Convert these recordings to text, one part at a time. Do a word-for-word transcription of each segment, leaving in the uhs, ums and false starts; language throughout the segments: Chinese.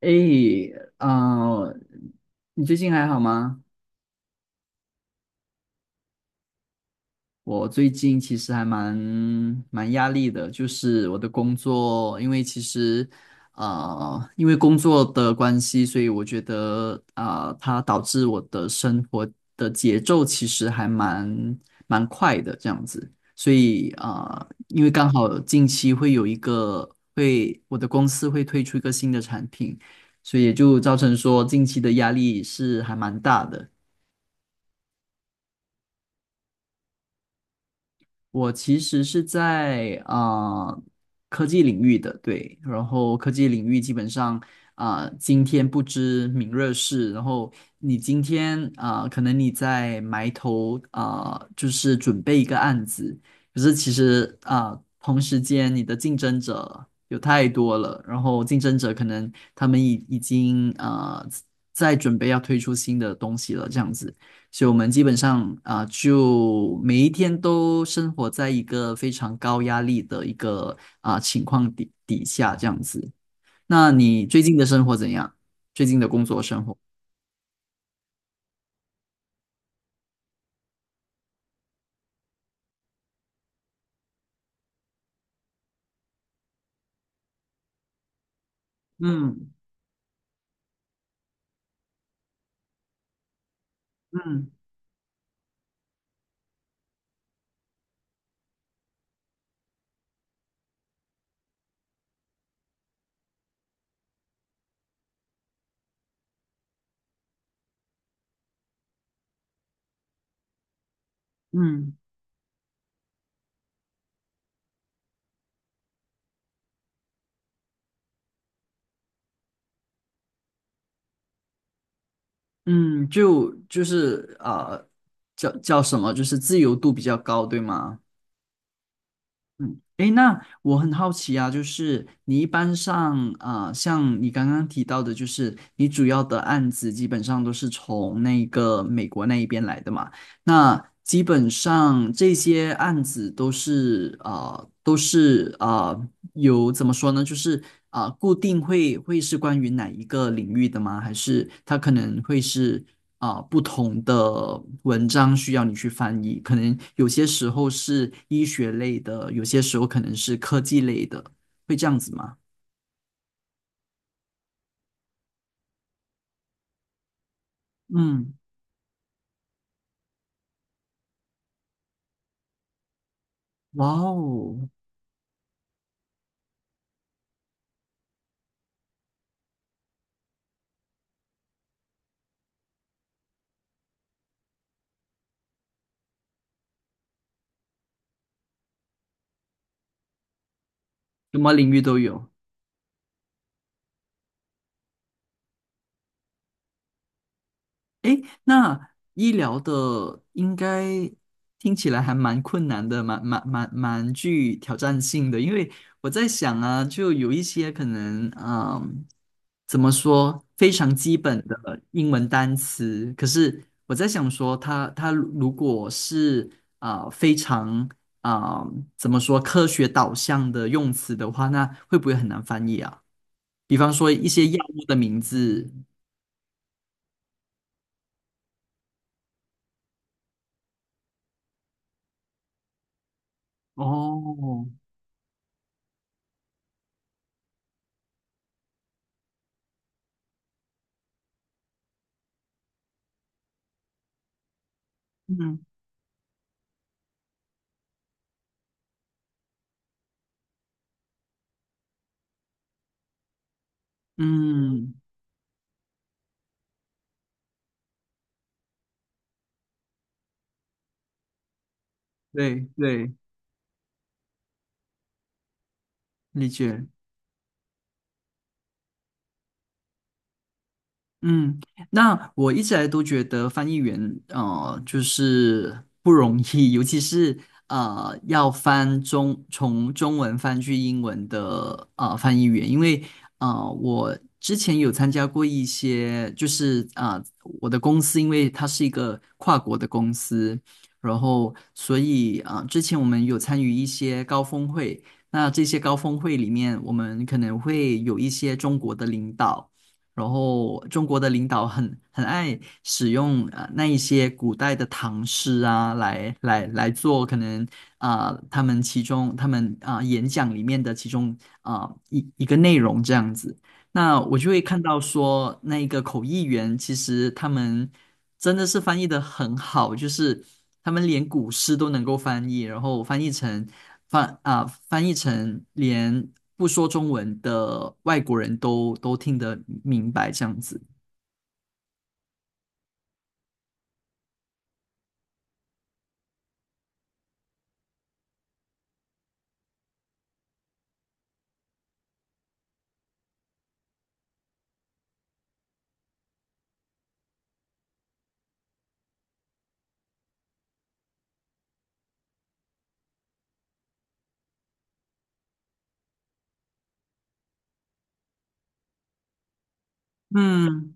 诶，啊、你最近还好吗？我最近其实还蛮蛮压力的，就是我的工作，因为其实，呃，因为工作的关系，所以我觉得啊、呃它导致我的生活的节奏其实还蛮蛮快的这样子，所以啊、呃因为刚好近期会有一个会我的公司会推出一个新的产品，所以也就造成说近期的压力是还蛮大的。我其实是在啊、呃科技领域的，对，然后科技领域基本上啊、今天不知明日事，然后你今天啊、可能你在埋头啊、就是准备一个案子，可是其实啊、同时间你的竞争者有太多了，然后竞争者可能他们已已经啊在准备要推出新的东西了，这样子。所以我们基本上啊、就每一天都生活在一个非常高压力的一个啊、情况底底下这样子。那你最近的生活怎样？最近的工作生活？嗯嗯嗯嗯，就就是啊、呃叫叫什么？就是自由度比较高，对吗？嗯，诶，那我很好奇啊，就是你一般上啊、呃像你刚刚提到的，就是你主要的案子基本上都是从那个美国那一边来的嘛？那基本上这些案子都是啊、呃都是啊、呃有怎么说呢？就是啊、固定会会是关于哪一个领域的吗？还是它可能会是啊、不同的文章需要你去翻译？可能有些时候是医学类的，有些时候可能是科技类的，会这样子吗？嗯，哇哦，什么领域都有。诶，那医疗的应该听起来还蛮困难的，蛮蛮蛮蛮具挑战性的。因为我在想啊，就有一些可能，嗯，怎么说，非常基本的英文单词，可是我在想说它，它如果是啊、非常啊、怎么说科学导向的用词的话，那会不会很难翻译啊？比方说一些药物的名字，哦，嗯。嗯，对对，理解。嗯，那我一直来都觉得翻译员，呃，就是不容易，尤其是呃，要翻中从中文翻去英文的呃翻译员，因为呃，我之前有参加过一些，就是啊、呃，我的公司因为它是一个跨国的公司，然后所以啊、呃，之前我们有参与一些高峰会，那这些高峰会里面，我们可能会有一些中国的领导。然后中国的领导很很爱使用呃那一些古代的唐诗啊，来来来做可能啊、呃他们其中他们啊、呃演讲里面的其中啊、呃一一个内容这样子。那我就会看到说，那一个口译员其实他们真的是翻译的很好，就是他们连古诗都能够翻译，然后翻译成翻啊、翻译成连不说中文的外国人都都听得明白这样子。嗯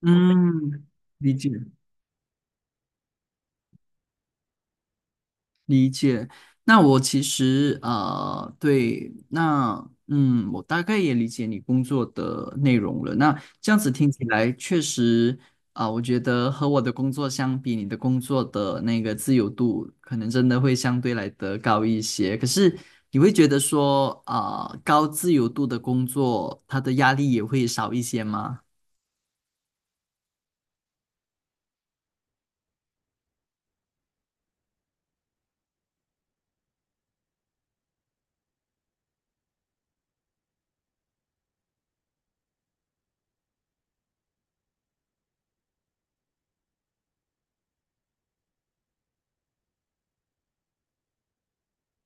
嗯，理解。那我其实啊，对，那嗯，我大概也理解你工作的内容了。那这样子听起来，确实啊、我觉得和我的工作相比，你的工作的那个自由度可能真的会相对来得高一些。可是你会觉得说啊、高自由度的工作，它的压力也会少一些吗？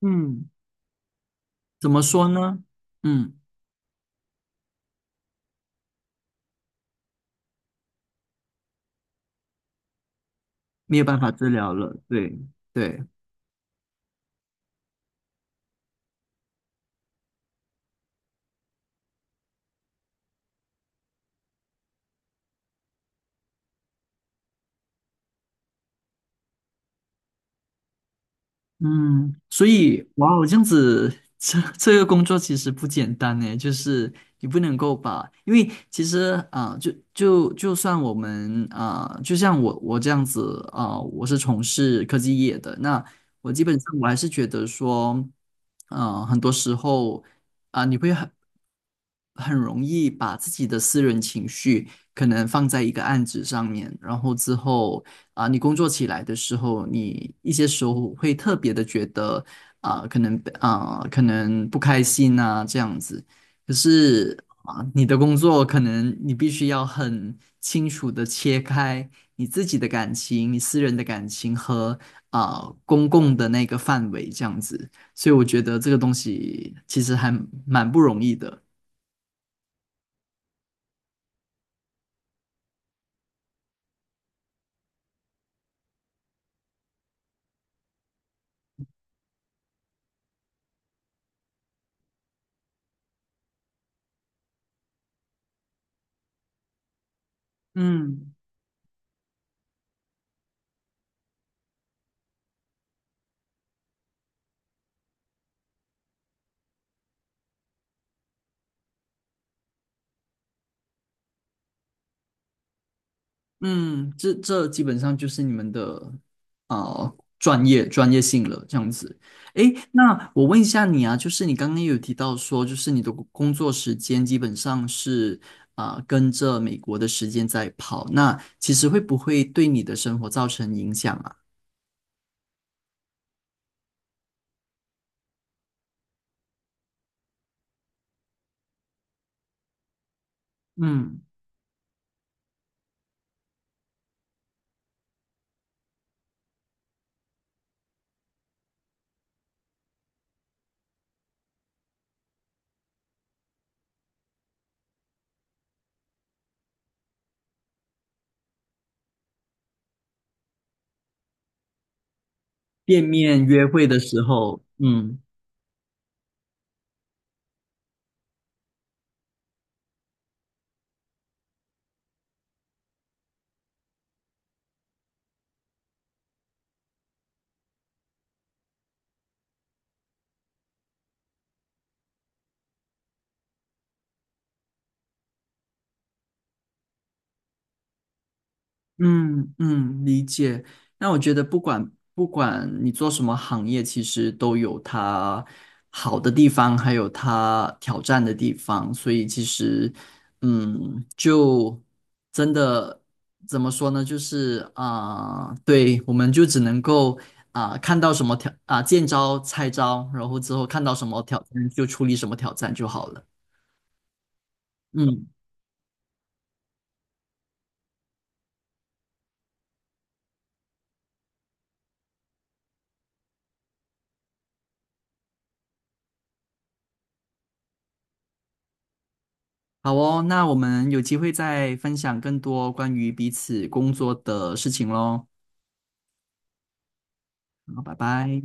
嗯。怎么说呢？嗯，没有办法治疗了，对对。嗯，所以哇哦，这样子，这这个工作其实不简单呢，就是你不能够把，因为其实啊、就就就算我们啊、就像我我这样子啊、我是从事科技业的，那我基本上我还是觉得说，呃，很多时候啊、你会很很容易把自己的私人情绪可能放在一个案子上面，然后之后。啊、你工作起来的时候，你一些时候会特别的觉得啊、可能啊、可能不开心啊这样子。可是啊、你的工作可能你必须要很清楚的切开你自己的感情、你私人的感情和啊、公共的那个范围这样子。所以我觉得这个东西其实还蛮不容易的。嗯。嗯，这这基本上就是你们的啊专业专业性了，这样子。诶，那我问一下你啊，就是你刚刚有提到说，就是你的工工作时间基本上是啊、呃跟着美国的时间在跑，那其实会不会对你的生活造成影响啊？嗯，见面约会的时候，嗯。嗯嗯，理解。那我觉得不管不管你做什么行业，其实都有它好的地方，还有它挑战的地方。所以其实，嗯，就真的怎么说呢？就是啊、对，我们就只能够啊、看到什么挑啊、见招拆招，然后之后看到什么挑战就处理什么挑战就好了。嗯好哦，那我们有机会再分享更多关于彼此工作的事情喽。好，拜拜。